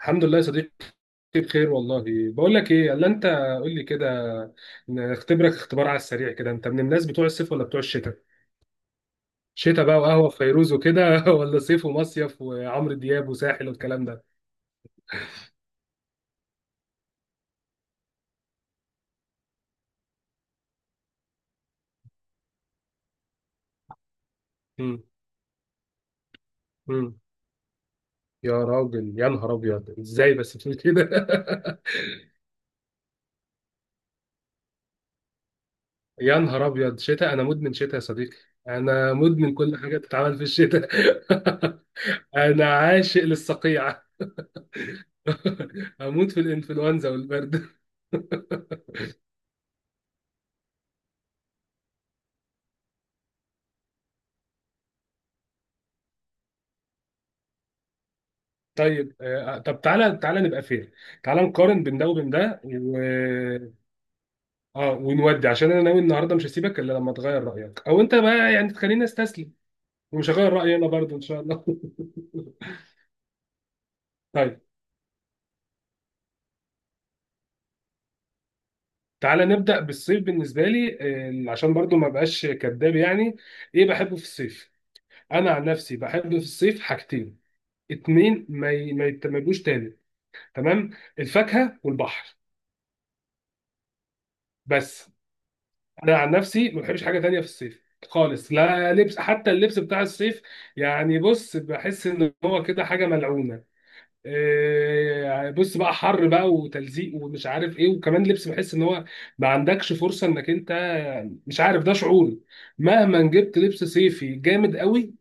الحمد لله يا صديقي. بخير والله. بقول لك ايه الا انت، قول لي كده. نختبرك اختبار على السريع كده، انت من الناس بتوع الصيف ولا بتوع الشتاء؟ شتاء بقى وقهوة في فيروز وكده ولا صيف ومصيف وعمرو دياب وساحل والكلام ده؟ امم امم يا راجل يا نهار ابيض، ازاي بس بتقول كده؟ يا نهار ابيض، شتاء! انا مدمن شتاء يا صديقي. انا مدمن كل حاجة بتتعمل في الشتاء انا عاشق للصقيع اموت في الانفلونزا والبرد. طيب طب تعالى نبقى فير. تعالى نقارن بين ده وبين ده اه ونودي، عشان انا ناوي النهارده مش هسيبك الا لما تغير رايك، او انت بقى يعني تخليني استسلم. ومش هغير رايي انا برضه ان شاء الله طيب تعالى نبدا بالصيف بالنسبه لي. عشان برضه ما بقاش كذاب يعني. ايه بحبه في الصيف؟ انا عن نفسي بحب في الصيف حاجتين اتنين ما يتملوش تاني، تمام؟ الفاكهه والبحر، بس. انا عن نفسي ما بحبش حاجه تانية في الصيف خالص، لا لبس حتى اللبس بتاع الصيف يعني. بص بحس ان هو كده حاجه ملعونه. بص بقى حر بقى وتلزيق ومش عارف ايه، وكمان لبس بحس ان هو ما عندكش فرصه انك انت، مش عارف ده شعوري. مهما جبت لبس صيفي جامد قوي،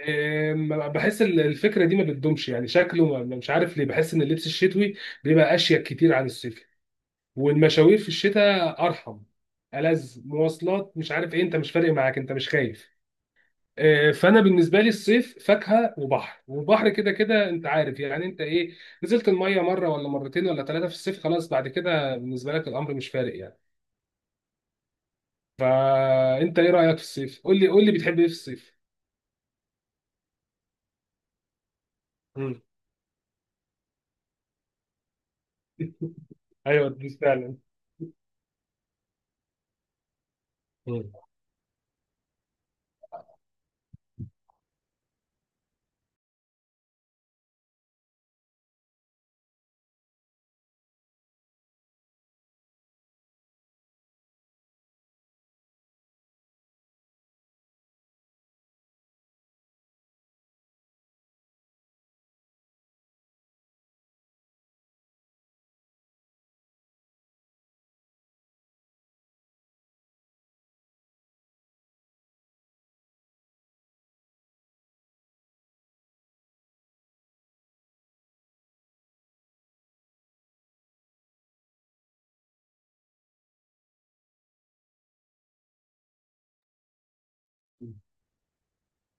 إيه، ما- بحس الفكره دي ما بتدومش يعني. شكله مش عارف ليه بحس ان اللبس الشتوي بيبقى اشيك كتير عن الصيفي. والمشاوير في الشتاء ارحم، ألذ مواصلات مش عارف ايه، انت مش فارق معاك، انت مش خايف. فانا بالنسبه لي الصيف فاكهه وبحر، والبحر كده كده انت عارف يعني. انت ايه، نزلت الميه مره ولا مرتين ولا ثلاثه في الصيف، خلاص بعد كده بالنسبه لك الامر مش فارق يعني. فانت ايه رايك في الصيف؟ قول لي، بتحب ايه في الصيف؟ مم. ايوه دي فعلا. مم.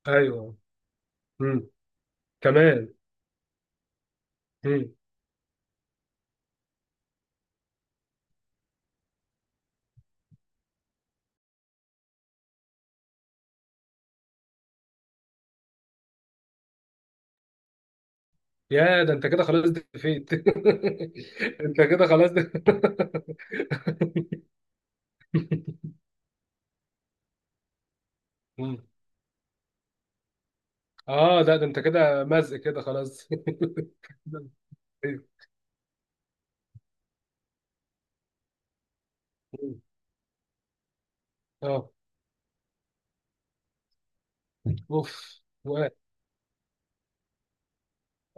ايوه. مم. كمان. مم. يا ده انت كده خلاص دفيت انت كده خلاص دفيت. اه ده انت كده مزق كده خلاص ده أنت- اه. اوف و-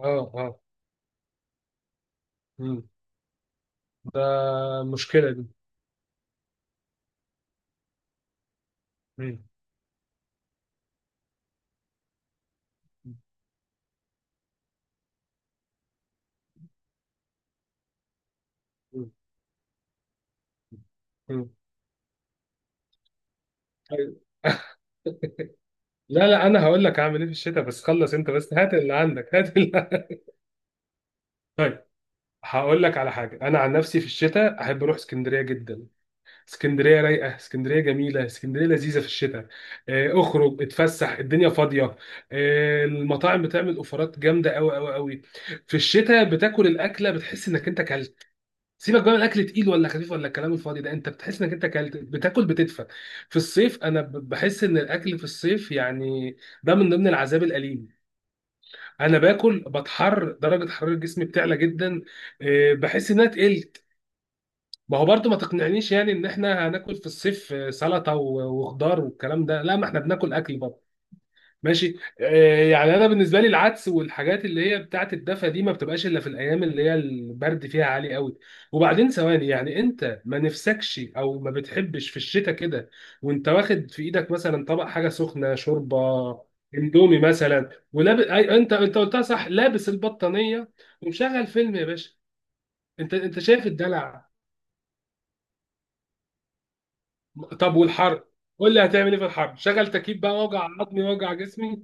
اه اه. مم. ده مشكلة دي. مم. مم. مم. طيب. لا لا، انا هقول لك اعمل ايه في الشتاء، بس خلص انت بس، هات اللي عندك هات اللي... طيب هقول لك على حاجة. انا عن نفسي في الشتاء احب اروح اسكندرية جدا. اسكندريه رايقه، اسكندريه جميله، اسكندريه لذيذه في الشتاء. اخرج اتفسح، الدنيا فاضيه. المطاعم بتعمل اوفرات جامده قوي قوي قوي. في الشتاء بتاكل الاكله بتحس انك انت كلت. سيبك بقى من الاكل تقيل ولا خفيف ولا الكلام الفاضي ده، انت بتحس انك انت كلت، بتاكل بتدفى. في الصيف انا بحس ان الاكل في الصيف يعني ده من ضمن العذاب الاليم. انا باكل بتحر، درجه حراره جسمي بتعلى جدا. بحس انها تقل. ما هو برضو ما تقنعنيش يعني ان احنا هناكل في الصيف سلطه وخضار والكلام ده. لا، ما احنا بناكل اكل برضه ماشي. يعني انا بالنسبه لي العدس والحاجات اللي هي بتاعه الدفا دي ما بتبقاش الا في الايام اللي هي البرد فيها عالي قوي. وبعدين ثواني، يعني انت ما نفسكش او ما بتحبش في الشتاء كده، وانت واخد في ايدك مثلا طبق حاجه سخنه، شوربه، اندومي مثلا، ولابس أي... انت قلتها صح، لابس البطانيه، ومشغل فيلم يا باشا. انت شايف الدلع؟ طب والحر؟ قول لي هتعمل ايه في الحر؟ شغل تكييف بقى، وجع عظمي وجع جسمي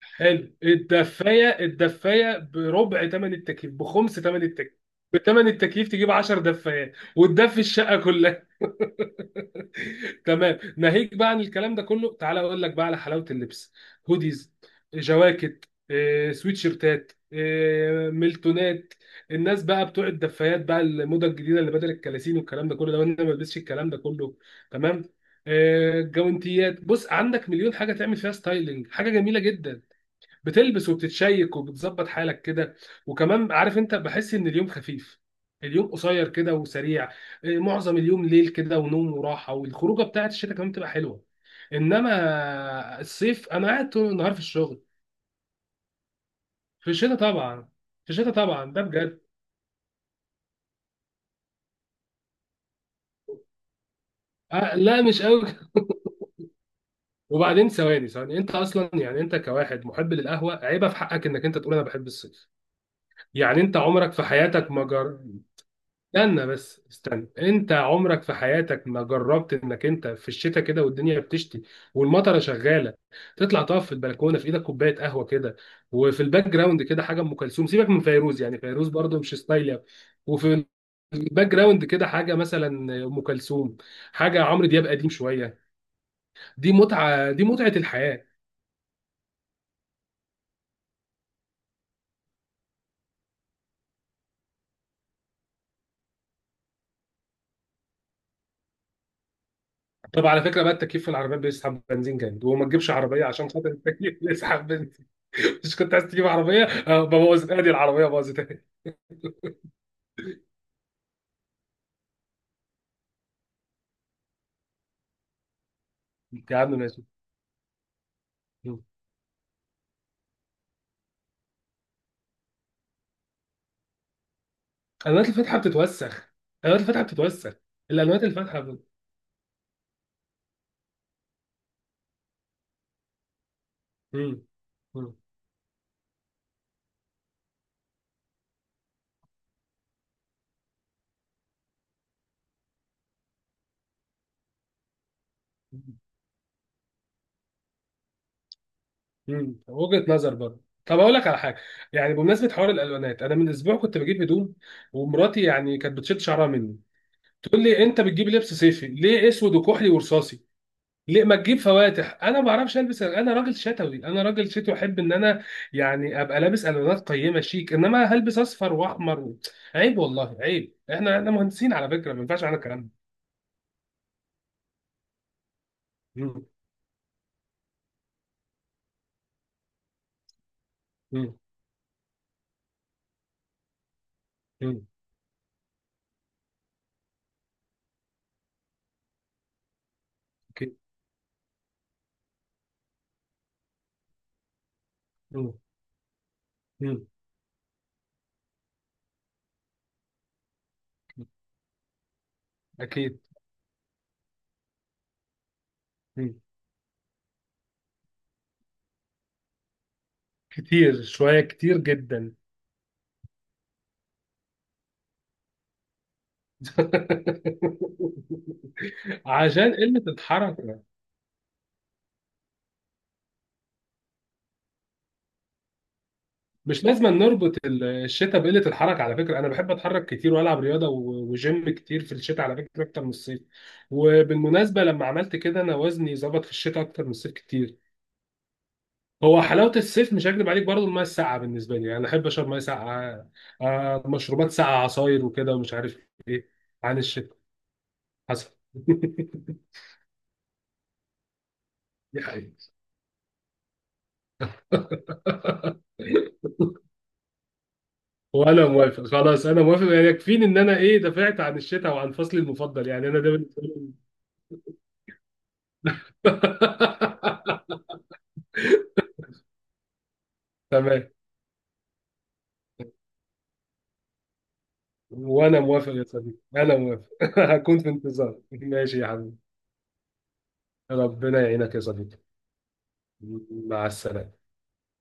حلو الدفايه، الدفايه بربع ثمن التكييف، بخمس ثمن التكييف، بثمن التكييف تجيب 10 دفايات وتدفي الشقه كلها. تمام. ناهيك بقى عن الكلام ده كله، تعالى اقول لك بقى على حلاوه اللبس. هوديز، جواكت، سويت شيرتات، ميلتونات. الناس بقى بتوع الدفايات بقى، الموضه الجديده اللي بدل الكلاسين والكلام ده كله ده، وانا ما بلبسش الكلام ده كله، تمام. جوانتيات. بص عندك مليون حاجه تعمل فيها ستايلنج، حاجه جميله جدا. بتلبس وبتتشيك وبتظبط حالك كده. وكمان عارف انت، بحس ان اليوم خفيف، اليوم قصير كده وسريع. معظم اليوم ليل كده، ونوم وراحه، والخروجه بتاعت الشتاء كمان بتبقى حلوه. انما الصيف انا قاعد طول النهار في الشغل. في الشتاء طبعا. في الشتاء طبعا، ده بجد. آه لا مش قوي. وبعدين ثواني ثواني، انت اصلا يعني انت كواحد محب للقهوه، عيبه في حقك انك انت تقول انا بحب الصيف. يعني انت عمرك في حياتك ما جر... استنى بس استنى، انت عمرك في حياتك ما جربت انك انت في الشتاء كده والدنيا بتشتي والمطره شغاله، تطلع تقف في البلكونه في ايدك كوبايه قهوه كده، وفي الباك جراوند كده حاجه ام كلثوم؟ سيبك من فيروز يعني، فيروز برضو مش ستايل أوي. وفي الباك جراوند كده حاجه مثلا ام كلثوم، حاجه عمرو دياب قديم شويه، دي متعه، دي متعه الحياه. طب على فكره بقى، التكييف في العربيات بيسحب بنزين جامد، وما تجيبش عربيه عشان خاطر التكييف بيسحب بنزين. مش كنت عايز تجيب عربيه؟ اه بوظت، ادي العربيه باظت. يا عم ماشي. مم. الوانات الفاتحه بتتوسخ، الوانات الفاتحه بتتوسخ، الالوانات الفاتحه بت... مم. مم. مم. وجهه نظر برضه. طب اقول لك على حاجه، يعني بمناسبه حوار الالوانات، انا من اسبوع كنت بجيب هدوم، ومراتي يعني كانت بتشد شعرها مني، تقول لي انت بتجيب لبس صيفي ليه اسود وكحلي ورصاصي؟ ليه ما تجيب فواتح؟ انا ما بعرفش البس، انا راجل شتوي، انا راجل شتوي، احب ان انا يعني ابقى لابس الوانات قيمه شيك، انما هلبس اصفر واحمر و... عيب والله عيب، احنا احنا مهندسين على فكره، ما ينفعش معانا الكلام ده. مم. مم. مم. أكيد. مم. مم. أكيد. مم. كتير شوية، كتير جدا. عشان قلة الحركة. مش لازم نربط الشتاء بقلة الحركة على فكرة، أنا بحب أتحرك كتير وألعب رياضة وجيم كتير في الشتاء على فكرة أكتر من الصيف. وبالمناسبة لما عملت كده أنا وزني ظبط في الشتاء أكتر من الصيف كتير. هو حلاوة الصيف مش هكدب عليك برضه، المية الساقعة بالنسبة لي يعني، أنا أحب أشرب مية ساقعة، مشروبات ساقعة، عصاير وكده ومش عارف. عن الشتاء، حصل. دي حقيقة. وانا موافق، خلاص انا موافق، يعني يكفيني ان انا ايه دافعت عن الشتاء وعن فصلي المفضل، يعني انا ده بالنسبه لي. تمام. وانا موافق يا صديقي، انا موافق هكون في انتظار، ماشي يا حبيبي. ربنا يعينك يا صديقي. مع السلامه.